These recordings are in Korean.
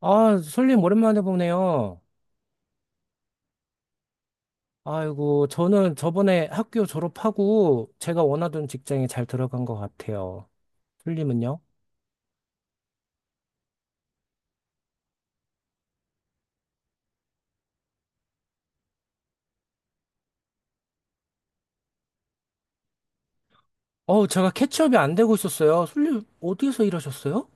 아, 솔님 오랜만에 보네요. 아이고, 저는 저번에 학교 졸업하고 제가 원하던 직장에 잘 들어간 것 같아요. 솔님은요? 어우, 제가 캐치업이 안 되고 있었어요. 솔님, 어디에서 일하셨어요?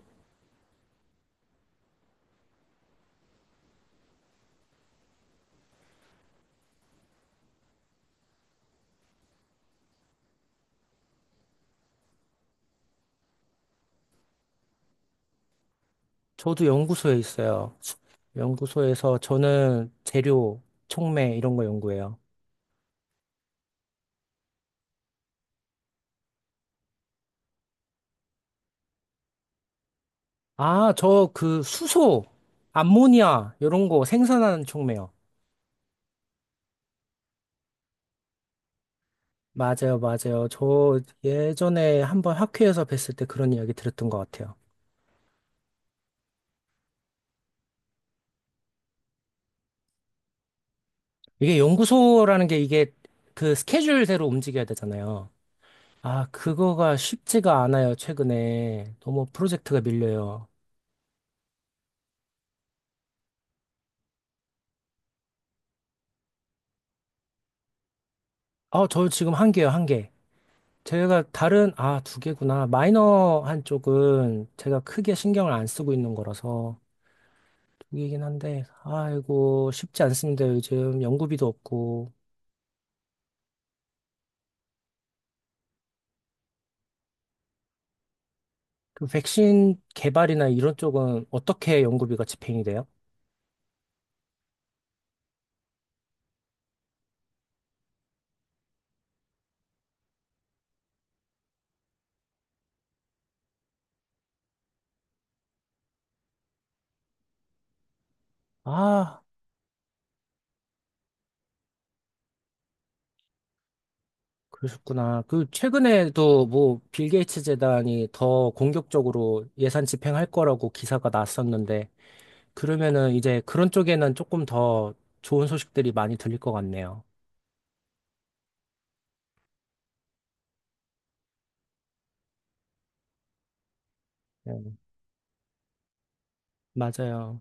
저도 연구소에 있어요. 연구소에서 저는 재료, 촉매 이런 거 연구해요. 아, 저 그 수소, 암모니아 이런 거 생산하는 촉매요. 맞아요, 맞아요. 저 예전에 한번 학회에서 뵀을 때 그런 이야기 들었던 것 같아요. 이게 연구소라는 게 이게 그 스케줄대로 움직여야 되잖아요. 아, 그거가 쉽지가 않아요, 최근에. 너무 프로젝트가 밀려요. 아, 저 지금 한 개요, 한 개. 제가 다른, 아, 두 개구나. 마이너 한 쪽은 제가 크게 신경을 안 쓰고 있는 거라서 두 개긴 한데, 아이고, 쉽지 않습니다, 요즘. 연구비도 없고. 그 백신 개발이나 이런 쪽은 어떻게 연구비가 집행이 돼요? 아, 그러셨구나. 그 최근에도 뭐 빌 게이츠 재단이 더 공격적으로 예산 집행할 거라고 기사가 났었는데 그러면은 이제 그런 쪽에는 조금 더 좋은 소식들이 많이 들릴 것 같네요. 네, 맞아요.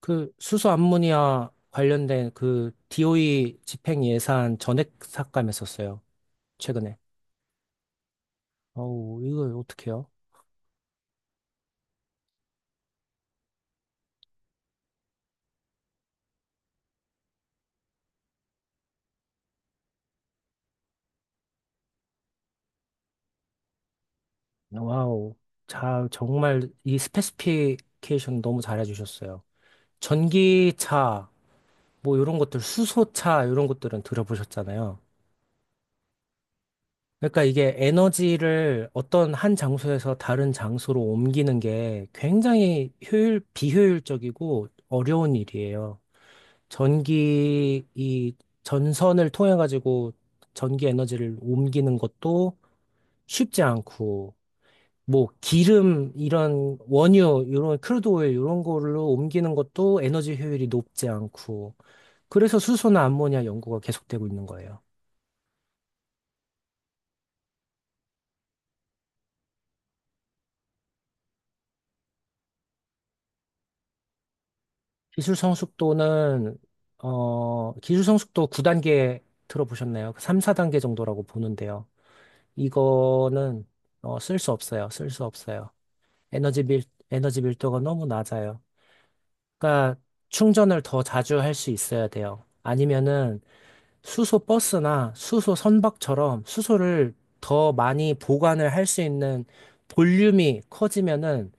그 수소 암모니아 관련된 그 DOE 집행 예산 전액 삭감했었어요. 최근에. 어우, 이거 어떡해요? 와우. 자, 정말 이 스페시피케이션 너무 잘해주셨어요. 전기차 뭐 이런 것들 수소차 이런 것들은 들어보셨잖아요. 그러니까 이게 에너지를 어떤 한 장소에서 다른 장소로 옮기는 게 굉장히 효율 비효율적이고 어려운 일이에요. 전기 이 전선을 통해 가지고 전기 에너지를 옮기는 것도 쉽지 않고 뭐 기름 이런 원유 이런 크루드 오일 이런 걸로 옮기는 것도 에너지 효율이 높지 않고 그래서 수소나 암모니아 연구가 계속되고 있는 거예요. 기술 성숙도는, 기술 성숙도 9단계 들어보셨나요? 3, 4단계 정도라고 보는데요. 이거는, 쓸 수 없어요. 쓸 수 없어요. 에너지 밀, 에너지 밀도가 너무 낮아요. 그러니까 충전을 더 자주 할 수 있어야 돼요. 아니면은, 수소 버스나 수소 선박처럼 수소를 더 많이 보관을 할 수 있는 볼륨이 커지면은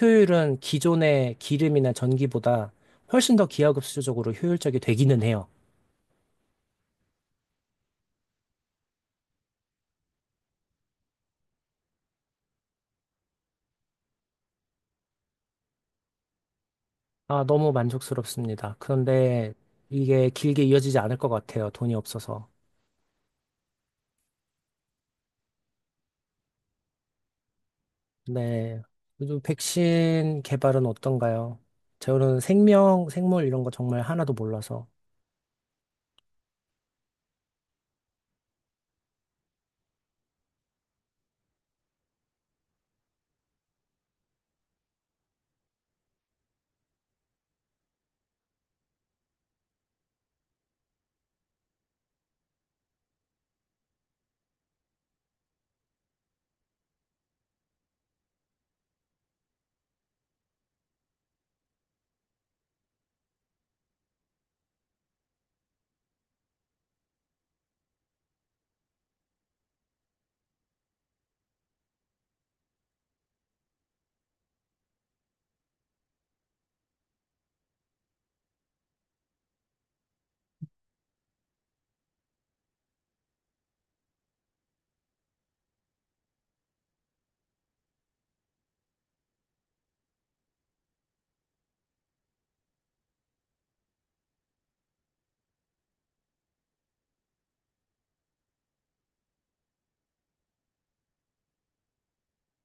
효율은 기존의 기름이나 전기보다 훨씬 더 기하급수적으로 효율적이 되기는 해요. 아, 너무 만족스럽습니다. 그런데 이게 길게 이어지지 않을 것 같아요. 돈이 없어서. 네. 요즘 백신 개발은 어떤가요? 저는 생명, 생물 이런 거 정말 하나도 몰라서.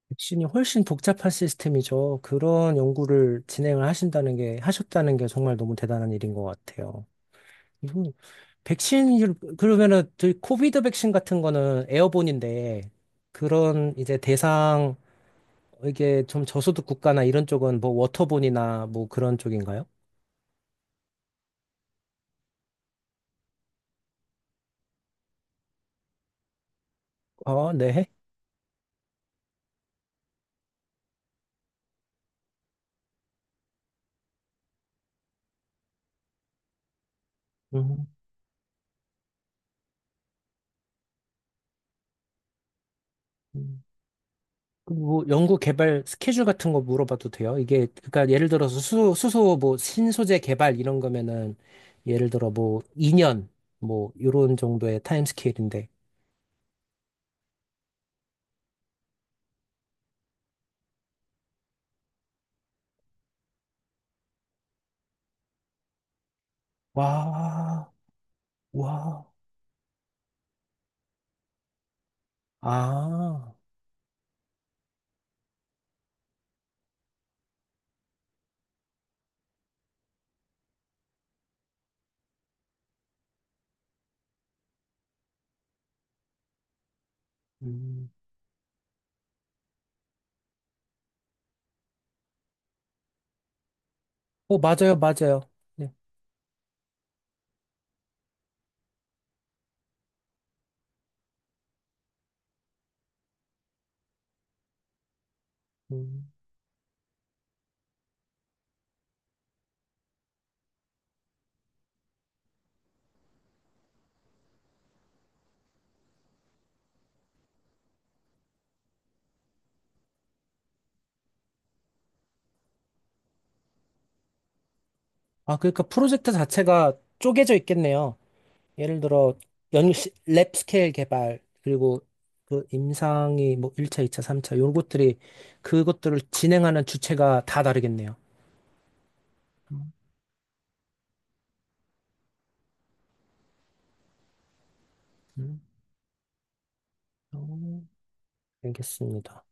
백신이 훨씬 복잡한 시스템이죠. 그런 연구를 진행을 하신다는 게, 하셨다는 게 정말 너무 대단한 일인 것 같아요. 이분, 백신, 일- 그러면은, 저희 코비드 백신 같은 거는 에어본인데, 그런 이제 대상, 이게 좀 저소득 국가나 이런 쪽은 뭐 워터본이나 뭐 그런 쪽인가요? 아, 네. 음. 뭐 연구 개발 스케줄 같은 거 물어봐도 돼요? 이게 그러니까 예를 들어서 수, 수소 뭐 신소재 개발 이런 거면은 예를 들어 뭐 2년 뭐 요런 정도의 타임 스케일인데 와, 와, 아, 음. 맞아요, 맞아요. 네. 음. 아 그러니까 프로젝트 자체가 쪼개져 있겠네요. 예를 들어 연랩 스케일 개발 그리고 그 임상이 뭐 1차, 2차, 3차 요것들이 그것들을 진행하는 주체가 다 다르겠네요. 음, 어, 알겠습니다.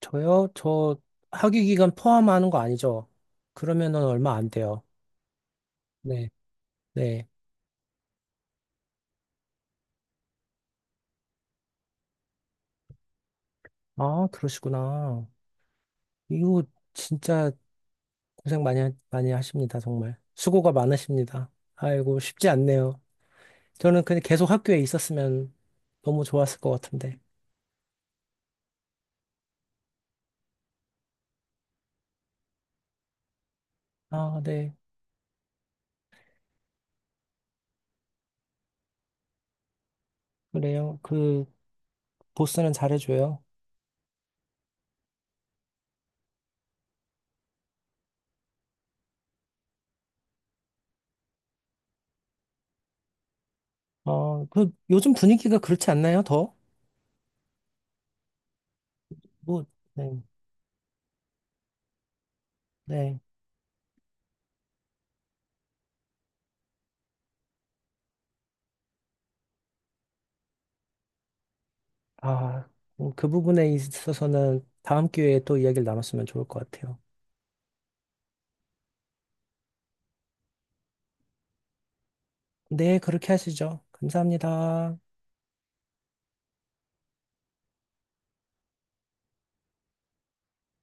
저요? 저 학위 기간 포함하는 거 아니죠? 그러면은 얼마 안 돼요. 네, 네. 아, 그러시구나. 이거 진짜 고생 많이, 하- 많이 하십니다, 정말. 수고가 많으십니다. 아이고, 쉽지 않네요. 저는 그냥 계속 학교에 있었으면 너무 좋았을 것 같은데. 아, 네. 그래요. 그, 보스는 잘해줘요. 요즘 분위기가 그렇지 않나요, 더? 뭐, 네, 네. 아, 그 부분에 있어서는 다음 기회에 또 이야기를 나눴으면 좋을 것 같아요. 네, 그렇게 하시죠. 감사합니다.